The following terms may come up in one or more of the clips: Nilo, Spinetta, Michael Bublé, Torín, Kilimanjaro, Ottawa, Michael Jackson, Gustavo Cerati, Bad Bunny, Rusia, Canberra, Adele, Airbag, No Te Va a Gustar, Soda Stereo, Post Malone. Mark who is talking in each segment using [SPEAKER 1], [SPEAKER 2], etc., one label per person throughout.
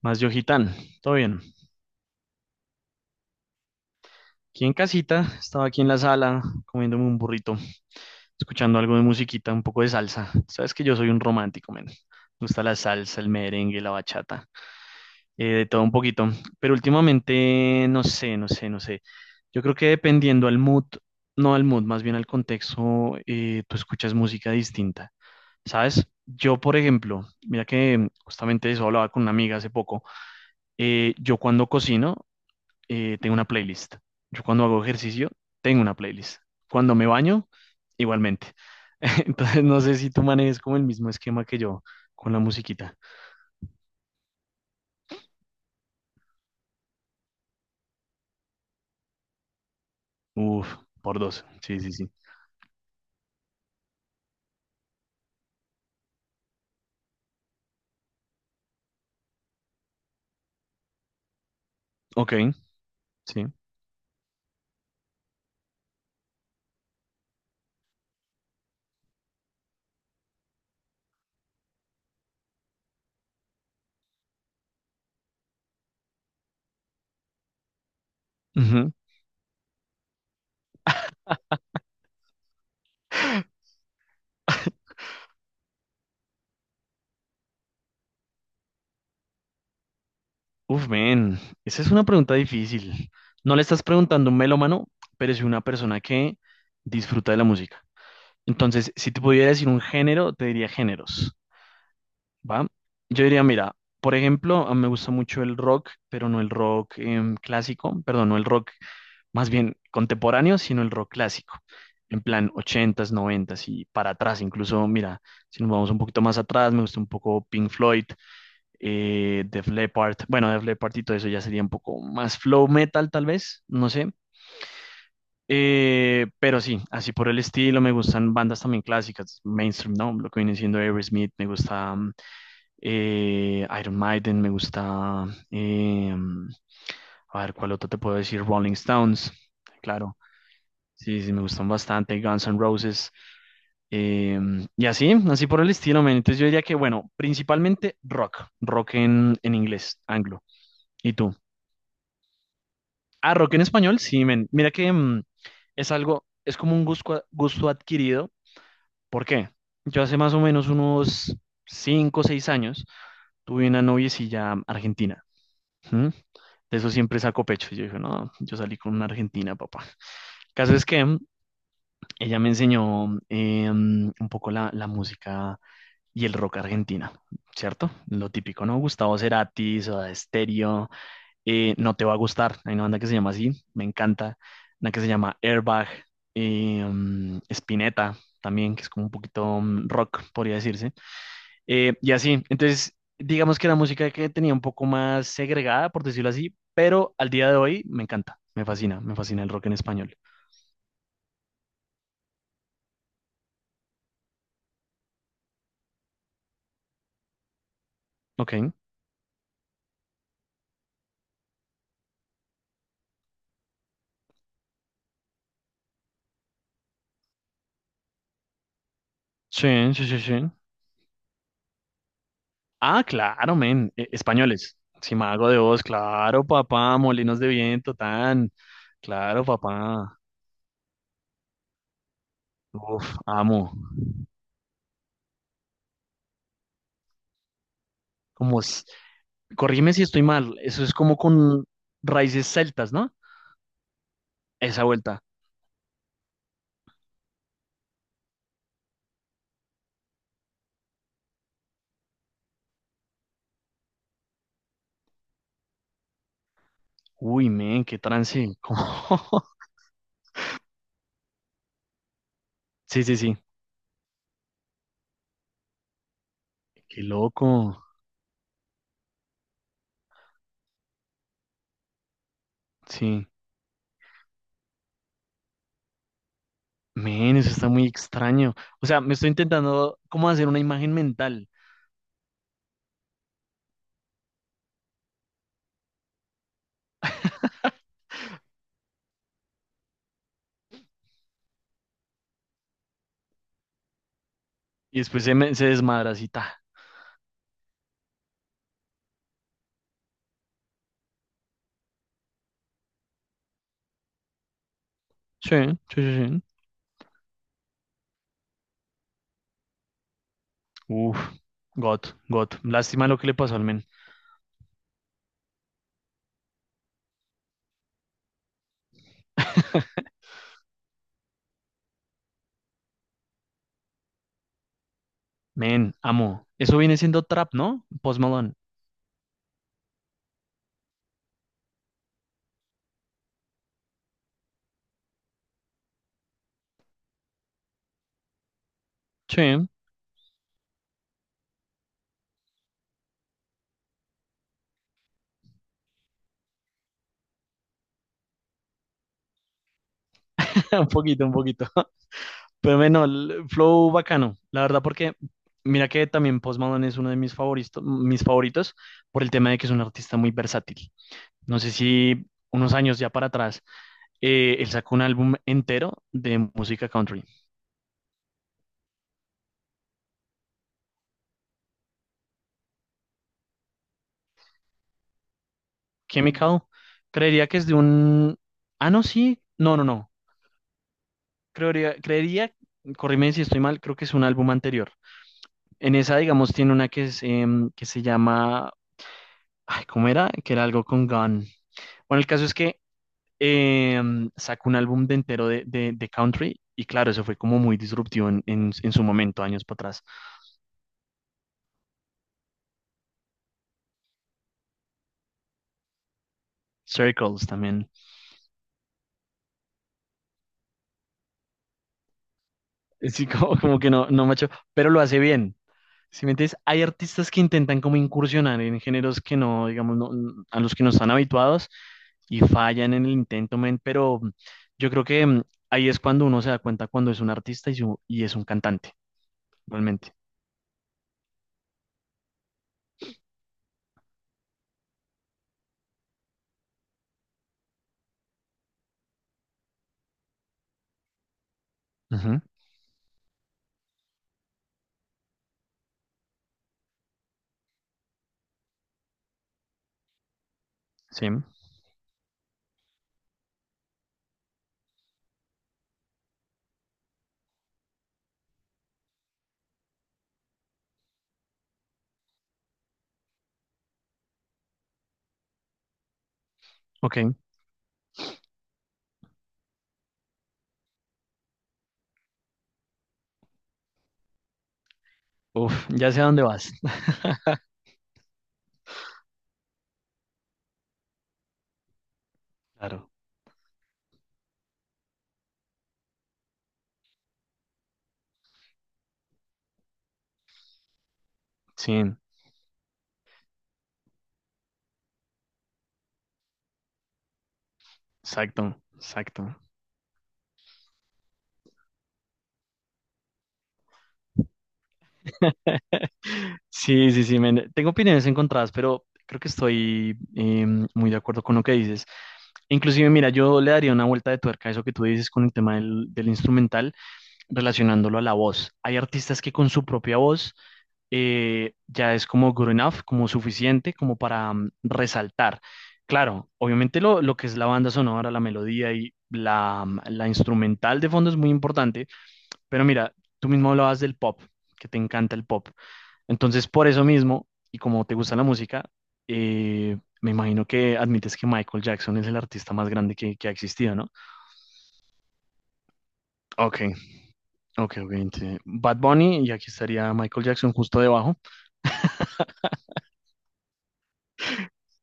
[SPEAKER 1] Más Yojitán, todo bien. Aquí en casita, estaba aquí en la sala comiéndome un burrito, escuchando algo de musiquita, un poco de salsa. Sabes que yo soy un romántico, men. Me gusta la salsa, el merengue, la bachata, de todo un poquito. Pero últimamente, no sé, no sé, no sé. Yo creo que dependiendo al mood, no al mood, más bien al contexto, tú escuchas música distinta. ¿Sabes? Yo, por ejemplo, mira que justamente de eso hablaba con una amiga hace poco. Yo cuando cocino, tengo una playlist. Yo cuando hago ejercicio, tengo una playlist. Cuando me baño, igualmente. Entonces, no sé si tú manejes como el mismo esquema que yo con la musiquita. Uf, por dos. Sí, sí, sí. Ok, sí. Ujú. Uf, men, esa es una pregunta difícil. No le estás preguntando a un melómano, pero es una persona que disfruta de la música. Entonces, si te pudiera decir un género, te diría géneros. ¿Va? Yo diría, mira, por ejemplo, a mí me gusta mucho el rock, pero no el rock clásico, perdón, no el rock más bien contemporáneo, sino el rock clásico, en plan ochentas noventas y para atrás, incluso, mira, si nos vamos un poquito más atrás, me gusta un poco Pink Floyd, Def Leppard, bueno, Def Leppard y todo eso ya sería un poco más flow metal, tal vez, no sé. Pero sí, así por el estilo, me gustan bandas también clásicas, mainstream, ¿no? Lo que viene siendo Aerosmith, me gusta. Iron Maiden, me gusta, em, a ver, ¿cuál otro te puedo decir? Rolling Stones, claro, sí, sí, me gustan bastante, Guns N' Roses, y así, así por el estilo, men. Entonces yo diría que, bueno, principalmente rock, rock en inglés, anglo. ¿Y tú? Ah, rock en español, sí, men, mira que es algo, es como un gusto, gusto adquirido. ¿Por qué? Yo hace más o menos unos cinco o 6 años tuve una noviecilla argentina. ¿Mm? De eso siempre saco pecho. Y yo dije, no, yo salí con una argentina, papá. Caso es que ella me enseñó un poco la música y el rock argentina, ¿cierto? Lo típico, ¿no? Gustavo Cerati, Soda Stereo, No Te Va a Gustar. Hay una banda que se llama así, me encanta. Una que se llama Airbag, Spinetta también, que es como un poquito rock, podría decirse. Y así, entonces, digamos que era música que tenía un poco más segregada, por decirlo así, pero al día de hoy me encanta, me fascina el rock en español. Ok, sí, sí, sí, sí. Ah, claro, men, españoles. Si me hago de voz, claro, papá, molinos de viento, tan, claro, papá. Uf, amo. Como, s- Corrígeme si estoy mal, eso es como con raíces celtas, ¿no? Esa vuelta. Uy, men, qué trance. Sí, sí, sí. Qué loco. Sí, men, eso está muy extraño. O sea, me estoy intentando como hacer una imagen mental y después se, me, se desmadra así, ta. Sí, sí, sí, sí. Uf, God, God. Lástima lo que le pasó al men. Men, amo. Eso viene siendo trap, ¿no? Post Malone. Sí, un poquito, un poquito. Pero bueno, el flow bacano. La verdad, porque mira que también Post Malone es uno de mis favoritos por el tema de que es un artista muy versátil. No sé si unos años ya para atrás él sacó un álbum entero de música country. Chemical, creería que es de un... Ah, no, sí. No, no, no. Creería, corríme si estoy mal, creo que es un álbum anterior. En esa, digamos, tiene una que, es, que se llama... Ay, ¿cómo era? Que era algo con Gun. Bueno, el caso es que sacó un álbum de entero de, de country y claro, eso fue como muy disruptivo en, en su momento, años para atrás. Circles también. Sí, como, como que no, no macho, pero lo hace bien. Si me entiendes, hay artistas que intentan como incursionar en géneros que no, digamos, a los que no están habituados y fallan en el intento, men, pero yo creo que ahí es cuando uno se da cuenta cuando es un artista y, y es un cantante, realmente. Ujú, sí, ok. Uf, ya sé a dónde vas. Claro. Sí, exacto, exacto. Sí, sí, sí, men. Tengo opiniones encontradas, pero creo que estoy muy de acuerdo con lo que dices. Inclusive, mira, yo le daría una vuelta de tuerca a eso que tú dices con el tema del instrumental, relacionándolo a la voz. Hay artistas que con su propia voz ya es como good enough, como suficiente, como para resaltar. Claro, obviamente lo que es la banda sonora, la melodía y la instrumental de fondo es muy importante, pero mira, tú mismo hablabas del pop, que te encanta el pop. Entonces, por eso mismo, y como te gusta la música, me imagino que admites que Michael Jackson es el artista más grande que ha existido, ¿no? Ok, ok, ok. Bad Bunny, y aquí estaría Michael Jackson justo debajo.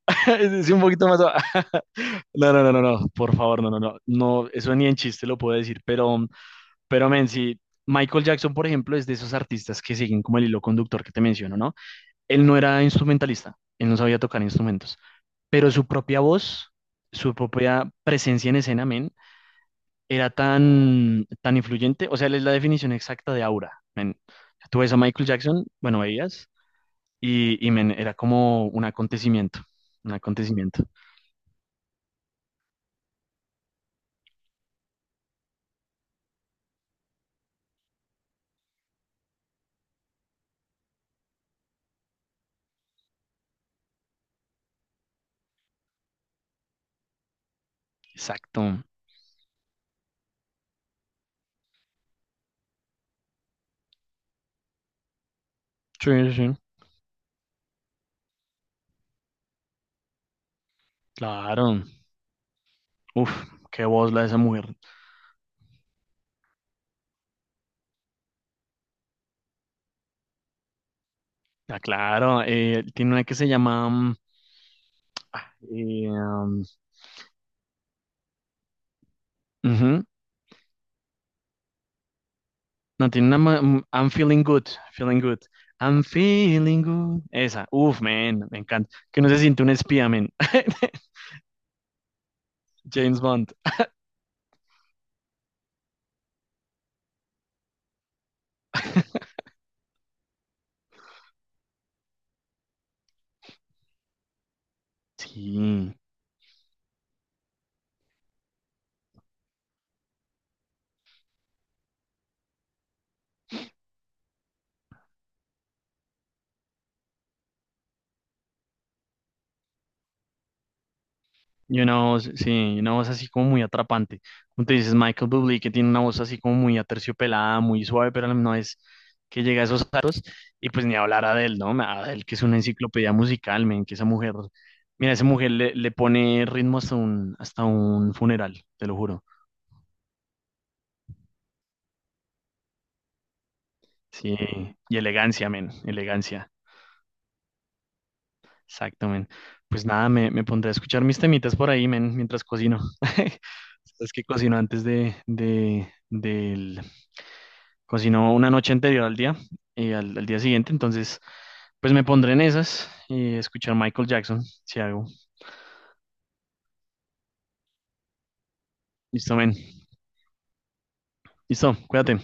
[SPEAKER 1] Es un poquito más abajo. No, no, no, no, no, por favor, no, no, no, no, eso ni en chiste lo puedo decir, pero, men, sí, Michael Jackson, por ejemplo, es de esos artistas que siguen como el hilo conductor que te menciono, ¿no? Él no era instrumentalista, él no sabía tocar instrumentos. Pero su propia voz, su propia presencia en escena, men, era tan, tan influyente. O sea, él es la definición exacta de aura, men. Tú ves a Michael Jackson, bueno, veías, y men, era como un acontecimiento, un acontecimiento. Exacto. Sí, sí, sí. Claro. Uf, qué voz la de esa mujer. Ah, claro, tiene una que se llama... ah, eh, um, ujú. No, tiene una... I'm feeling good, feeling good. I'm feeling good. Esa, uf, man, me encanta. Que no se siente un espía, man. James Bond. Sí, y una voz, sí, una voz así como muy atrapante. Como te dices, Michael Bublé, que tiene una voz así como muy aterciopelada, muy suave, pero no es que llega a esos aros. Y pues ni hablar a Adele, ¿no? Adele, que es una enciclopedia musical, men, que esa mujer, mira, esa mujer le pone ritmo hasta hasta un funeral, te lo juro. Sí, y elegancia, men, elegancia. Exacto, men. Pues nada, me pondré a escuchar mis temitas por ahí, men, mientras cocino. Es que cocino antes del... Cocino una noche anterior al día y al día siguiente, entonces, pues me pondré en esas y escuchar Michael Jackson, si hago. Listo, men. Listo, cuídate.